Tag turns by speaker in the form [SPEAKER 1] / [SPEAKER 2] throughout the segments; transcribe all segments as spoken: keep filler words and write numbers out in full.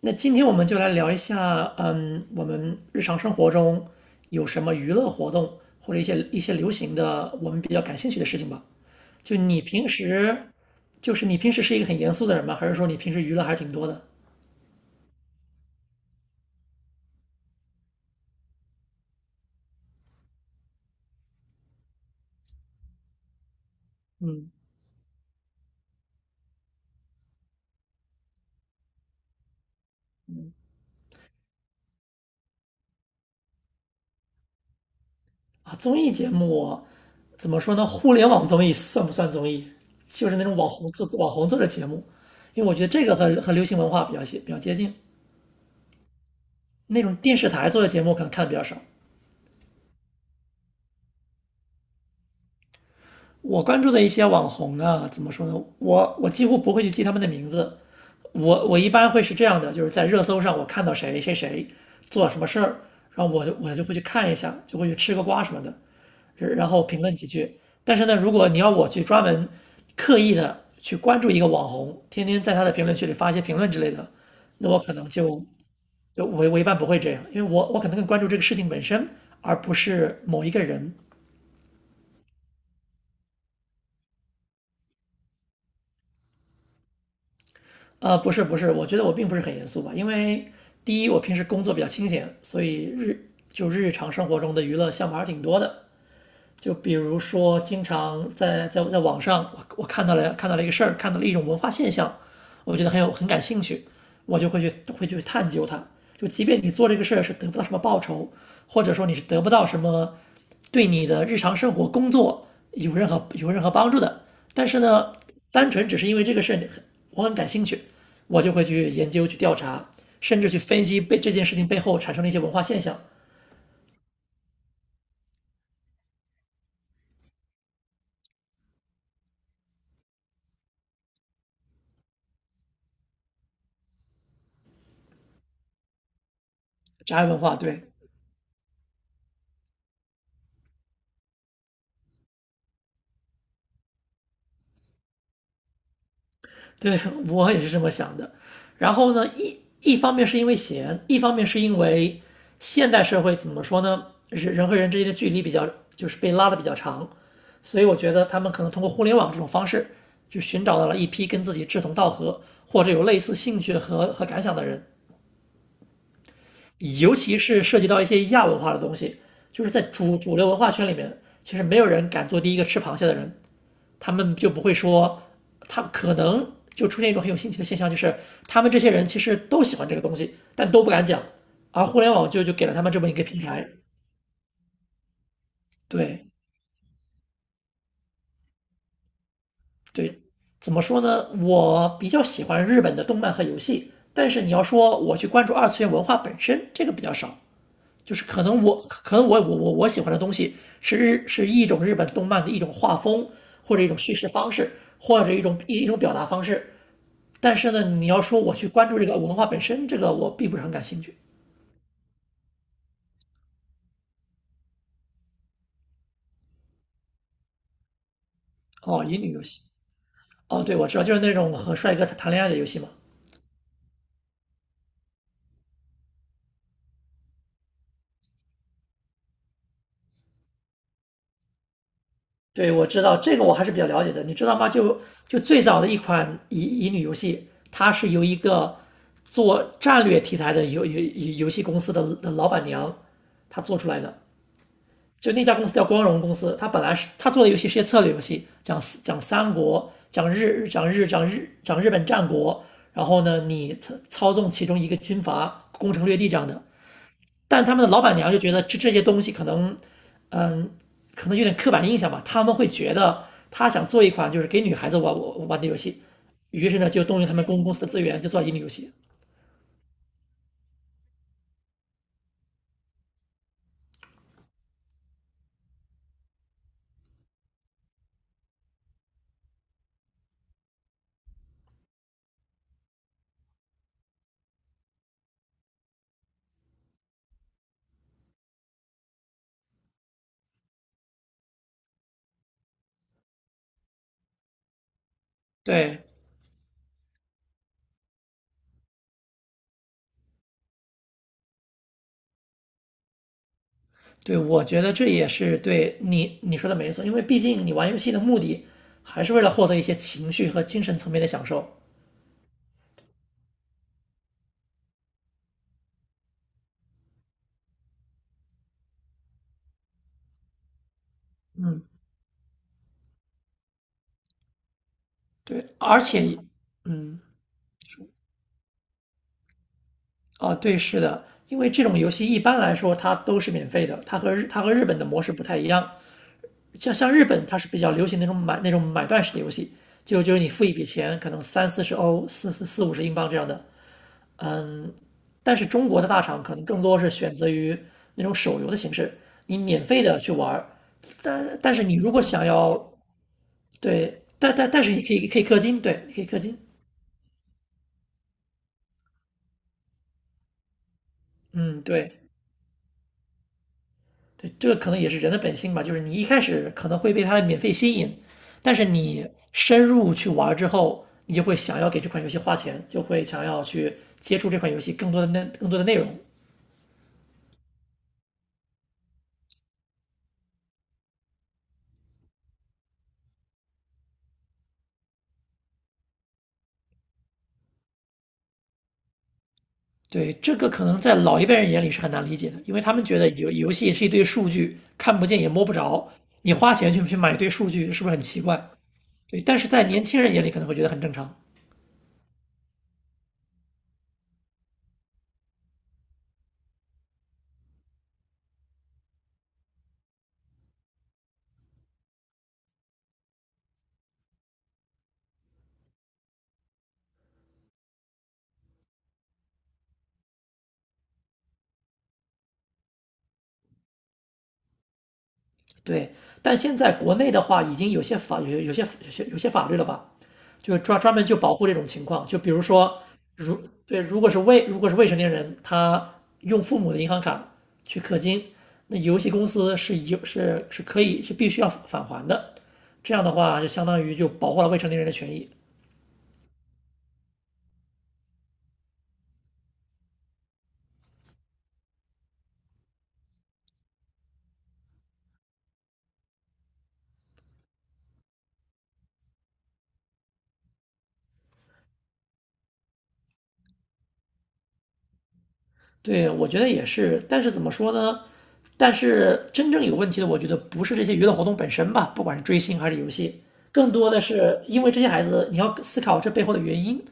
[SPEAKER 1] 那今天我们就来聊一下，嗯，我们日常生活中有什么娱乐活动，或者一些一些流行的，我们比较感兴趣的事情吧。就你平时，就是你平时是一个很严肃的人吗？还是说你平时娱乐还挺多的啊？综艺节目怎么说呢？互联网综艺算不算综艺？就是那种网红做网红做的节目，因为我觉得这个和和流行文化比较接比较接近。那种电视台做的节目可能看的比较少，我关注的一些网红呢，怎么说呢？我我几乎不会去记他们的名字，我我一般会是这样的，就是在热搜上我看到谁谁谁做什么事儿，然后我就我就会去看一下，就会去吃个瓜什么的，然后评论几句。但是呢，如果你要我去专门刻意的去关注一个网红，天天在他的评论区里发一些评论之类的，那我可能就就我我一般不会这样，因为我我可能更关注这个事情本身，而不是某一个人。呃，不是不是，我觉得我并不是很严肃吧，因为第一，我平时工作比较清闲，所以日就日常生活中的娱乐项目还是挺多的。就比如说，经常在在在网上，我看到了看到了一个事儿，看到了一种文化现象，我觉得很有很感兴趣，我就会去会去探究它。就即便你做这个事儿是得不到什么报酬，或者说你是得不到什么对你的日常生活工作有任何有任何帮助的，但是呢，单纯只是因为这个事儿我很感兴趣，我就会去研究去调查，甚至去分析被这件事情背后产生的一些文化现象，宅文化对。对我也是这么想的。然后呢，一一方面是因为闲，一方面是因为现代社会怎么说呢？人人和人之间的距离比较就是被拉的比较长，所以我觉得他们可能通过互联网这种方式，就寻找到了一批跟自己志同道合或者有类似兴趣和和感想的人，尤其是涉及到一些亚文化的东西，就是在主主流文化圈里面，其实没有人敢做第一个吃螃蟹的人，他们就不会说，他可能就出现一种很有新奇的现象，就是他们这些人其实都喜欢这个东西，但都不敢讲，而互联网就就给了他们这么一个平台。对对，怎么说呢？我比较喜欢日本的动漫和游戏，但是你要说我去关注二次元文化本身，这个比较少。就是可能我可能我我我我喜欢的东西是日是一种日本动漫的一种画风，或者一种叙事方式，或者一种一一种表达方式。但是呢，你要说我去关注这个文化本身，这个我并不是很感兴趣。哦，乙女游戏，哦，对，我知道，就是那种和帅哥谈恋爱的游戏嘛。对，我知道这个我还是比较了解的，你知道吗？就就最早的一款乙乙女游戏，它是由一个做战略题材的游游游游戏公司的的老板娘她做出来的，就那家公司叫光荣公司，他本来是他做的游戏是些策略游戏，讲讲三国，讲日讲日讲日讲日本战国，然后呢，你操操纵其中一个军阀攻城略地这样的。但他们的老板娘就觉得这这些东西可能，嗯，可能有点刻板印象吧。他们会觉得他想做一款就是给女孩子玩玩玩的游戏，于是呢就动用他们公公司的资源就做乙女游戏。对，对，我觉得这也是对你你说的没错，因为毕竟你玩游戏的目的还是为了获得一些情绪和精神层面的享受。对，而且，嗯，啊，对，是的，因为这种游戏一般来说它都是免费的，它和日它和日本的模式不太一样。像像日本，它是比较流行那种买那种买断式的游戏，就就是你付一笔钱，可能三四十欧、四四四五十英镑这样的，嗯，但是中国的大厂可能更多是选择于那种手游的形式，你免费的去玩儿，但但是你如果想要对，但但但是你可以可以氪金，对，你可以氪金，嗯，对对，这个可能也是人的本性吧，就是你一开始可能会被它的免费吸引，但是你深入去玩儿之后，你就会想要给这款游戏花钱，就会想要去接触这款游戏更多的内更多的内容，对，这个可能在老一辈人眼里是很难理解的，因为他们觉得游游戏是一堆数据，看不见也摸不着，你花钱去去买一堆数据，是不是很奇怪？对，但是在年轻人眼里可能会觉得很正常。对，但现在国内的话，已经有些法有有些有些有些法律了吧？就专专门就保护这种情况。就比如说，如对，如果是未如果是未成年人，他用父母的银行卡去氪金，那游戏公司是有是是可以是必须要返还的。这样的话，就相当于就保护了未成年人的权益。对，我觉得也是，但是怎么说呢？但是真正有问题的，我觉得不是这些娱乐活动本身吧，不管是追星还是游戏，更多的是因为这些孩子，你要思考这背后的原因。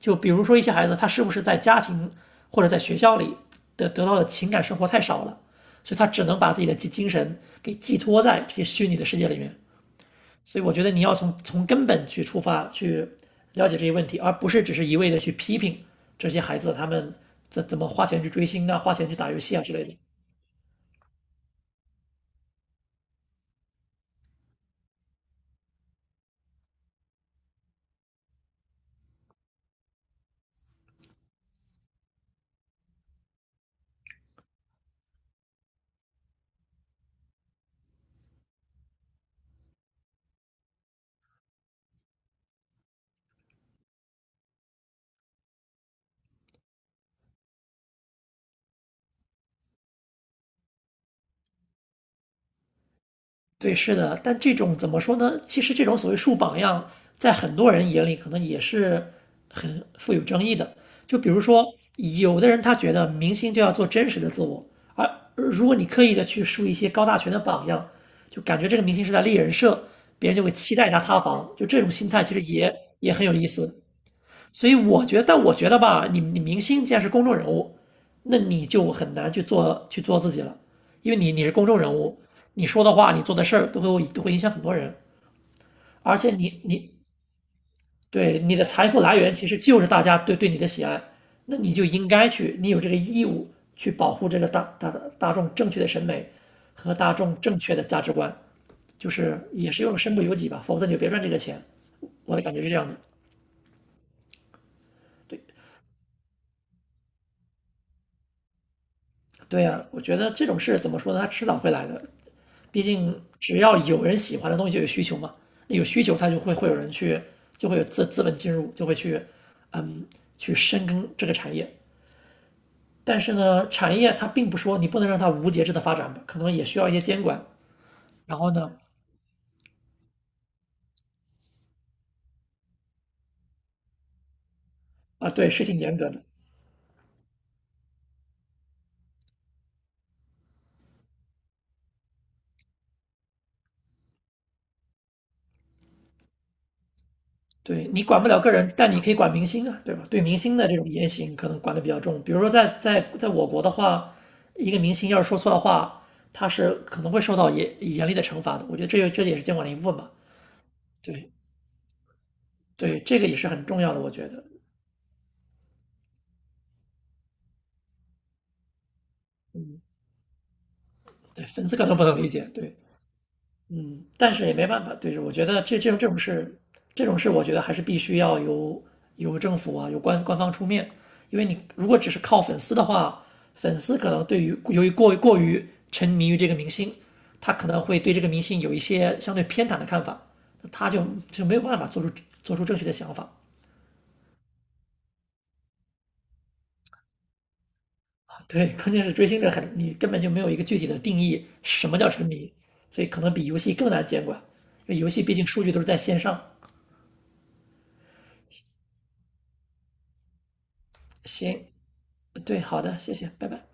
[SPEAKER 1] 就比如说一些孩子，他是不是在家庭或者在学校里的得到的情感生活太少了，所以他只能把自己的精精神给寄托在这些虚拟的世界里面。所以我觉得你要从从根本去出发去了解这些问题，而不是只是一味的去批评这些孩子他们怎怎么花钱去追星啊、花钱去打游戏啊之类的。对，是的，但这种怎么说呢？其实这种所谓树榜样，在很多人眼里可能也是很富有争议的。就比如说，有的人他觉得明星就要做真实的自我，而如果你刻意的去树一些高大全的榜样，就感觉这个明星是在立人设，别人就会期待他塌房。就这种心态其实也也很有意思。所以我觉得，但我觉得吧，你你明星既然是公众人物，那你就很难去做去做自己了，因为你你是公众人物，你说的话，你做的事儿都会都会影响很多人，而且你你对你的财富来源其实就是大家对对你的喜爱，那你就应该去，你有这个义务去保护这个大大大众正确的审美和大众正确的价值观，就是也是用身不由己吧，否则你就别赚这个钱。我的感觉是这样的，对对呀、我觉得这种事怎么说呢？它迟早会来的，毕竟只要有人喜欢的东西就有需求嘛，那有需求他就会会有人去，就会有资资本进入，就会去，嗯，去深耕这个产业。但是呢，产业它并不说你不能让它无节制的发展吧，可能也需要一些监管。然后呢，啊，对，是挺严格的。对你管不了个人，但你可以管明星啊，对吧？对明星的这种言行可能管得比较重。比如说在在在我国的话，一个明星要是说错的话，他是可能会受到严严厉的惩罚的。我觉得这这也是监管的一部分吧。对，对，这个也是很重要的，我觉得，嗯，对，粉丝可能不能理解，对，嗯，但是也没办法，对，是，我觉得这这种这种事，这种事，我觉得还是必须要由由政府啊，由官官方出面，因为你如果只是靠粉丝的话，粉丝可能对于由于过于过于沉迷于这个明星，他可能会对这个明星有一些相对偏袒的看法，那他就就没有办法做出做出正确的想法，对，关键是追星这很，你根本就没有一个具体的定义，什么叫沉迷，所以可能比游戏更难监管，因为游戏毕竟数据都是在线上。行，对，好的，谢谢，拜拜。